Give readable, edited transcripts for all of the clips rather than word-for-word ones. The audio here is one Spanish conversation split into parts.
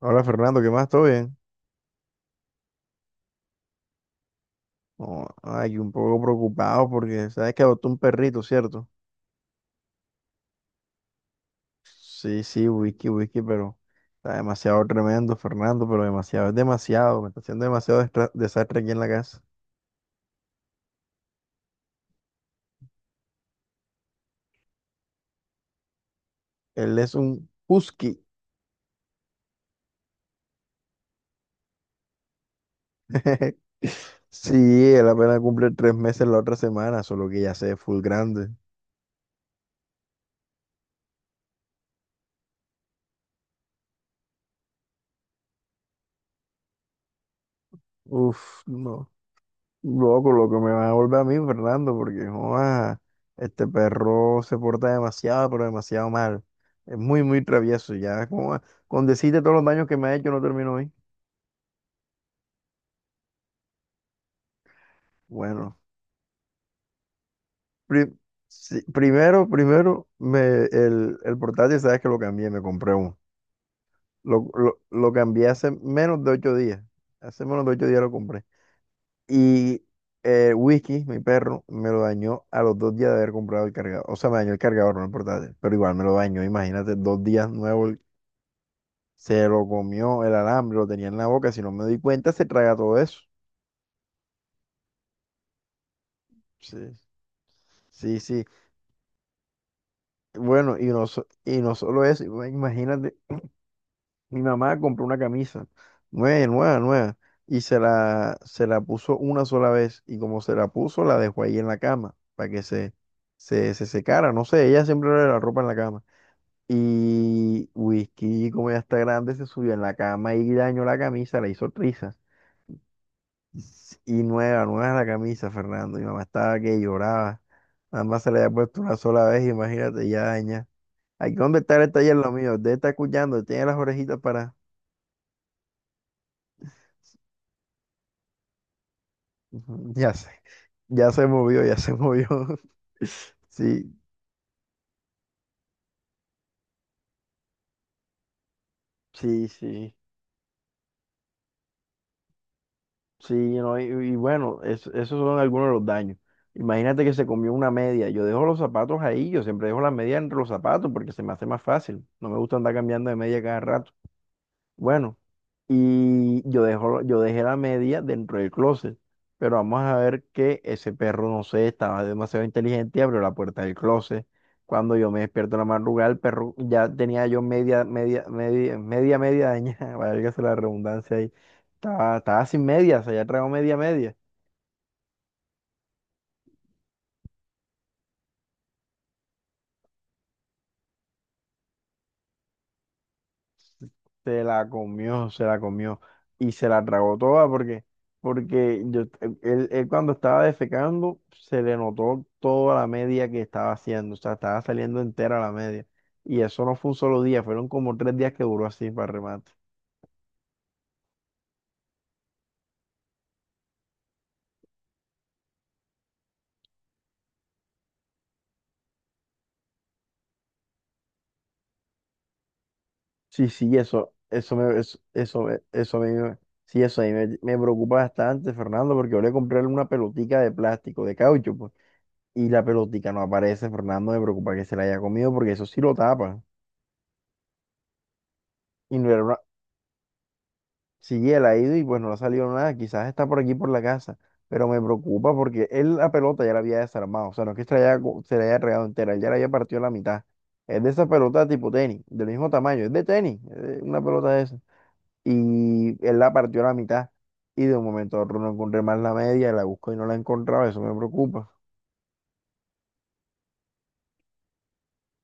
Hola Fernando, ¿qué más? ¿Todo bien? Oh, ay, un poco preocupado porque sabes que adoptó un perrito, ¿cierto? Sí, sí, Whisky, Whisky, pero está demasiado tremendo, Fernando, pero demasiado, es demasiado, me está haciendo demasiado desastre aquí en la casa. Él es un husky. Sí, él apenas cumple 3 meses la otra semana, solo que ya se ve full grande. Uf, no. Loco, lo que me va a volver a mí, Fernando, porque joa, este perro se porta demasiado, pero demasiado mal. Es muy, muy travieso. Ya, joa, con decirte todos los daños que me ha hecho, no termino hoy. Bueno, pri- sí, primero, me, el portátil, sabes que lo cambié, me compré uno. Lo cambié hace menos de 8 días. Hace menos de ocho días lo compré. Y el Whisky, mi perro, me lo dañó a los 2 días de haber comprado el cargador. O sea, me dañó el cargador, no el portátil, pero igual me lo dañó. Imagínate, 2 días nuevo, se lo comió el alambre, lo tenía en la boca. Si no me doy cuenta, se traga todo eso. Sí, sí, sí. Bueno, y no, y no solo eso, imagínate, mi mamá compró una camisa, nueva, nueva, nueva, y se la puso una sola vez. Y como se la puso, la dejó ahí en la cama para que se secara. No sé, ella siempre le la ropa en la cama. Y Whisky, como ya está grande, se subió en la cama y dañó la camisa, le hizo trizas. Y nueva, nueva la camisa, Fernando. Mi mamá estaba que lloraba. Mamá se le había puesto una sola vez, imagínate, ya daña. Aquí donde está el taller lo mío, debe estar escuchando, tiene las orejitas para. Ujú, ya sé, ya se movió, ya se movió. Sí, sí, sí. Sí, no, y bueno, esos son algunos de los daños. Imagínate que se comió una media. Yo dejo los zapatos ahí, yo siempre dejo la media entre los zapatos porque se me hace más fácil. No me gusta andar cambiando de media cada rato. Bueno, yo dejé la media dentro del closet, pero vamos a ver que ese perro, no sé, estaba demasiado inteligente y abrió la puerta del closet. Cuando yo me despierto en la madrugada, el perro ya tenía yo media, media, media, media, media dañada, válgase la redundancia ahí. Estaba sin media, o sea, ya traigo media, media. Se la comió y se la tragó toda porque él cuando estaba defecando se le notó toda la media que estaba haciendo, o sea, estaba saliendo entera la media. Y eso no fue un solo día, fueron como 3 días que duró así para remate. Sí, sí, eso me, sí, eso me preocupa bastante, Fernando, porque yo le compré una pelotica de plástico, de caucho, pues, y la pelotica no aparece, Fernando, me preocupa que se la haya comido porque eso sí lo tapa. Y no era una Sí, él ha ido y pues no le ha salido nada. Quizás está por aquí por la casa, pero me preocupa porque él la pelota ya la había desarmado. O sea, no es que se la haya regado entera, él ya la había partido a la mitad. Es de esa pelota tipo tenis, del mismo tamaño, es de tenis, es una pelota de esa. Y él la partió a la mitad y de un momento a otro no encontré más la media, la busco y no la he encontrado, eso me preocupa.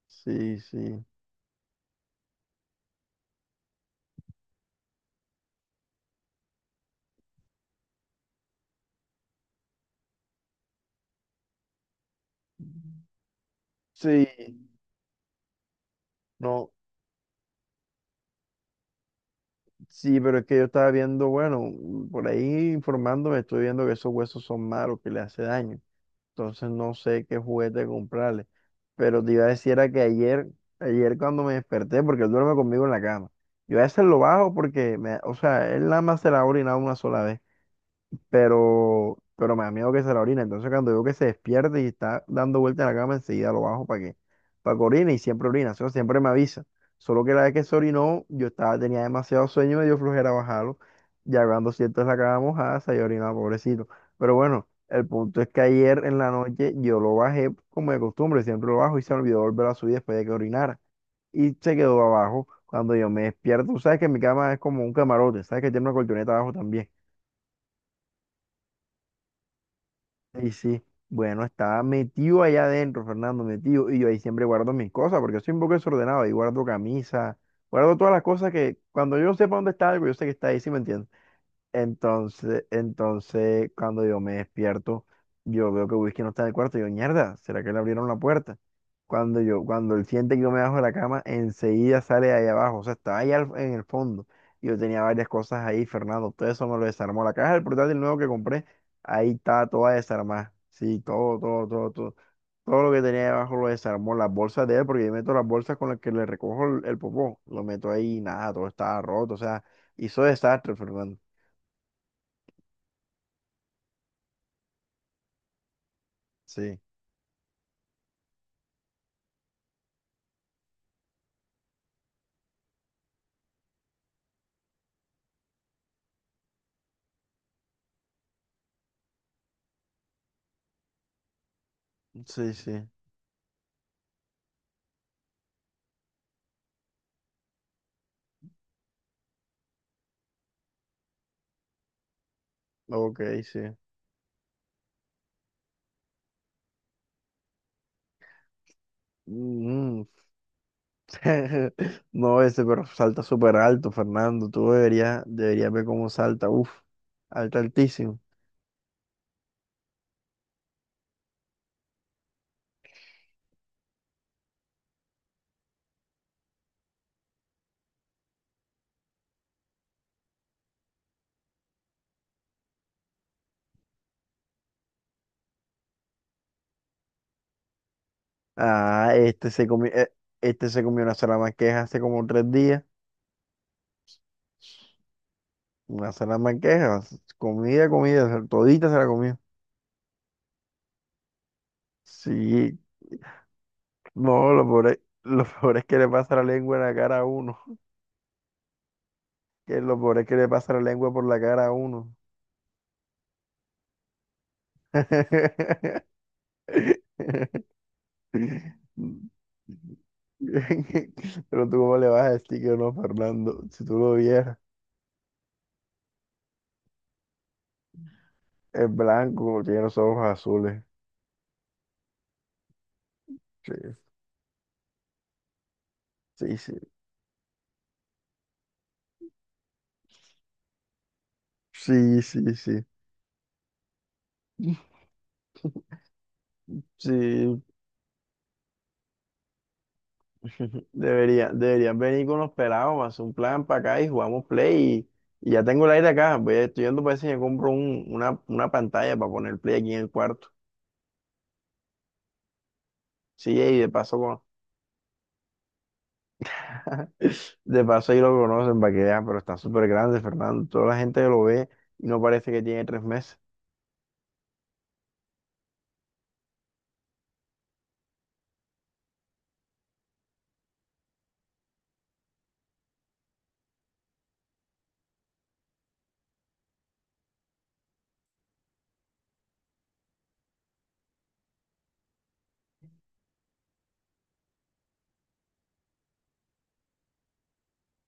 Sí, sí. Sí, no, sí, pero es que yo estaba viendo, bueno, por ahí informándome, estoy viendo que esos huesos son malos, que le hace daño. Entonces no sé qué juguete comprarle. Pero te iba a decir era que ayer cuando me desperté, porque él duerme conmigo en la cama, yo a veces lo bajo porque, me, o sea, él nada más se la ha orinado una sola vez pero, me da miedo que se la orine. Entonces cuando veo que se despierte y está dando vuelta en la cama, enseguida lo bajo para que orine y siempre orina, eso siempre me avisa. Solo que la vez que se orinó, tenía demasiado sueño, me dio flojera bajarlo. Ya cuando siento la cama mojada, se había orinado, pobrecito. Pero bueno, el punto es que ayer en la noche yo lo bajé como de costumbre, siempre lo bajo y se me olvidó volver a subir después de que orinara. Y se quedó abajo. Cuando yo me despierto, tú sabes que mi cama es como un camarote, sabes que tiene una colchoneta abajo también. Y sí, bueno, estaba metido allá adentro, Fernando, metido. Y yo ahí siempre guardo mis cosas, porque soy un poco desordenado. Ahí guardo camisa, guardo todas las cosas que cuando yo sepa dónde está algo, yo sé que está ahí, ¿sí me entiendes? Entonces, cuando yo me despierto, yo veo que Whisky no está en el cuarto. Yo, mierda, ¿será que le abrieron la puerta? Cuando él siente que yo me bajo de la cama, enseguida sale de ahí abajo. O sea, estaba ahí en el fondo. Yo tenía varias cosas ahí, Fernando. Todo eso me lo desarmó. La caja del portátil nuevo que compré, ahí está toda desarmada. Sí, todo, todo, todo, todo. Todo lo que tenía ahí abajo lo desarmó. Las bolsas de él, porque yo meto las bolsas con las que le recojo el popó. Lo meto ahí y nada, todo estaba roto. O sea, hizo desastre, Fernando. Sí, sí, sí. Ok, sí. Mm. No, ese pero salta súper alto, Fernando. Deberías ver cómo salta. Uf, alta altísimo. Ah, este se comió una salamanqueja hace como 3 días. Una salamanqueja, comida, comida, todita se la comió. Sí, no, lo pobre es que le pasa la lengua en la cara a uno. Que lo pobre es que le pasa la lengua por la cara a uno. Pero tú cómo le vas a decir que no, Fernando, si tú lo vieras, es blanco, tiene los ojos azules. Sí, sí, sí, sí, sí. Sí, sí. Deberían venir con los pelados, hacer un plan para acá y jugamos play. Y ya tengo el aire acá, estoy yendo para ver si me compro una pantalla para poner play aquí en el cuarto. Sí, de paso ahí lo conocen para que vean, pero está súper grande, Fernando. Toda la gente lo ve y no parece que tiene 3 meses.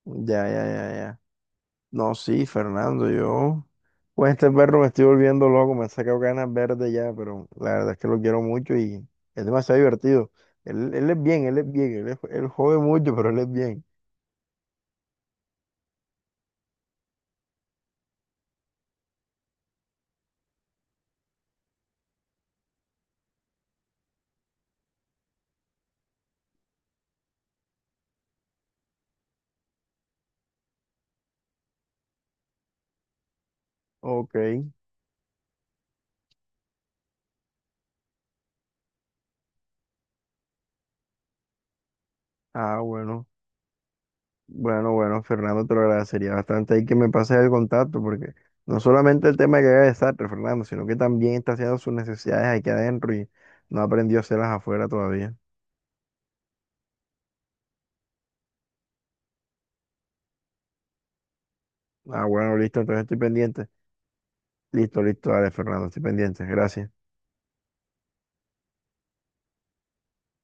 Ya, ya, ya, ya. No, sí, Fernando, yo. Pues este perro me estoy volviendo loco, me saca ganas verdes ya, pero la verdad es que lo quiero mucho y es demasiado divertido. Él es bien, él es bien, él jode mucho, pero él es bien. Ok, ah, bueno. Bueno, bueno, Fernando, te lo agradecería bastante ahí que me pases el contacto, porque no solamente el tema de que haga desastre, Fernando, sino que también está haciendo sus necesidades aquí adentro y no aprendió a hacerlas afuera todavía. Ah, bueno, listo, entonces estoy pendiente. Listo, listo, dale, Fernando, estoy pendiente. Gracias.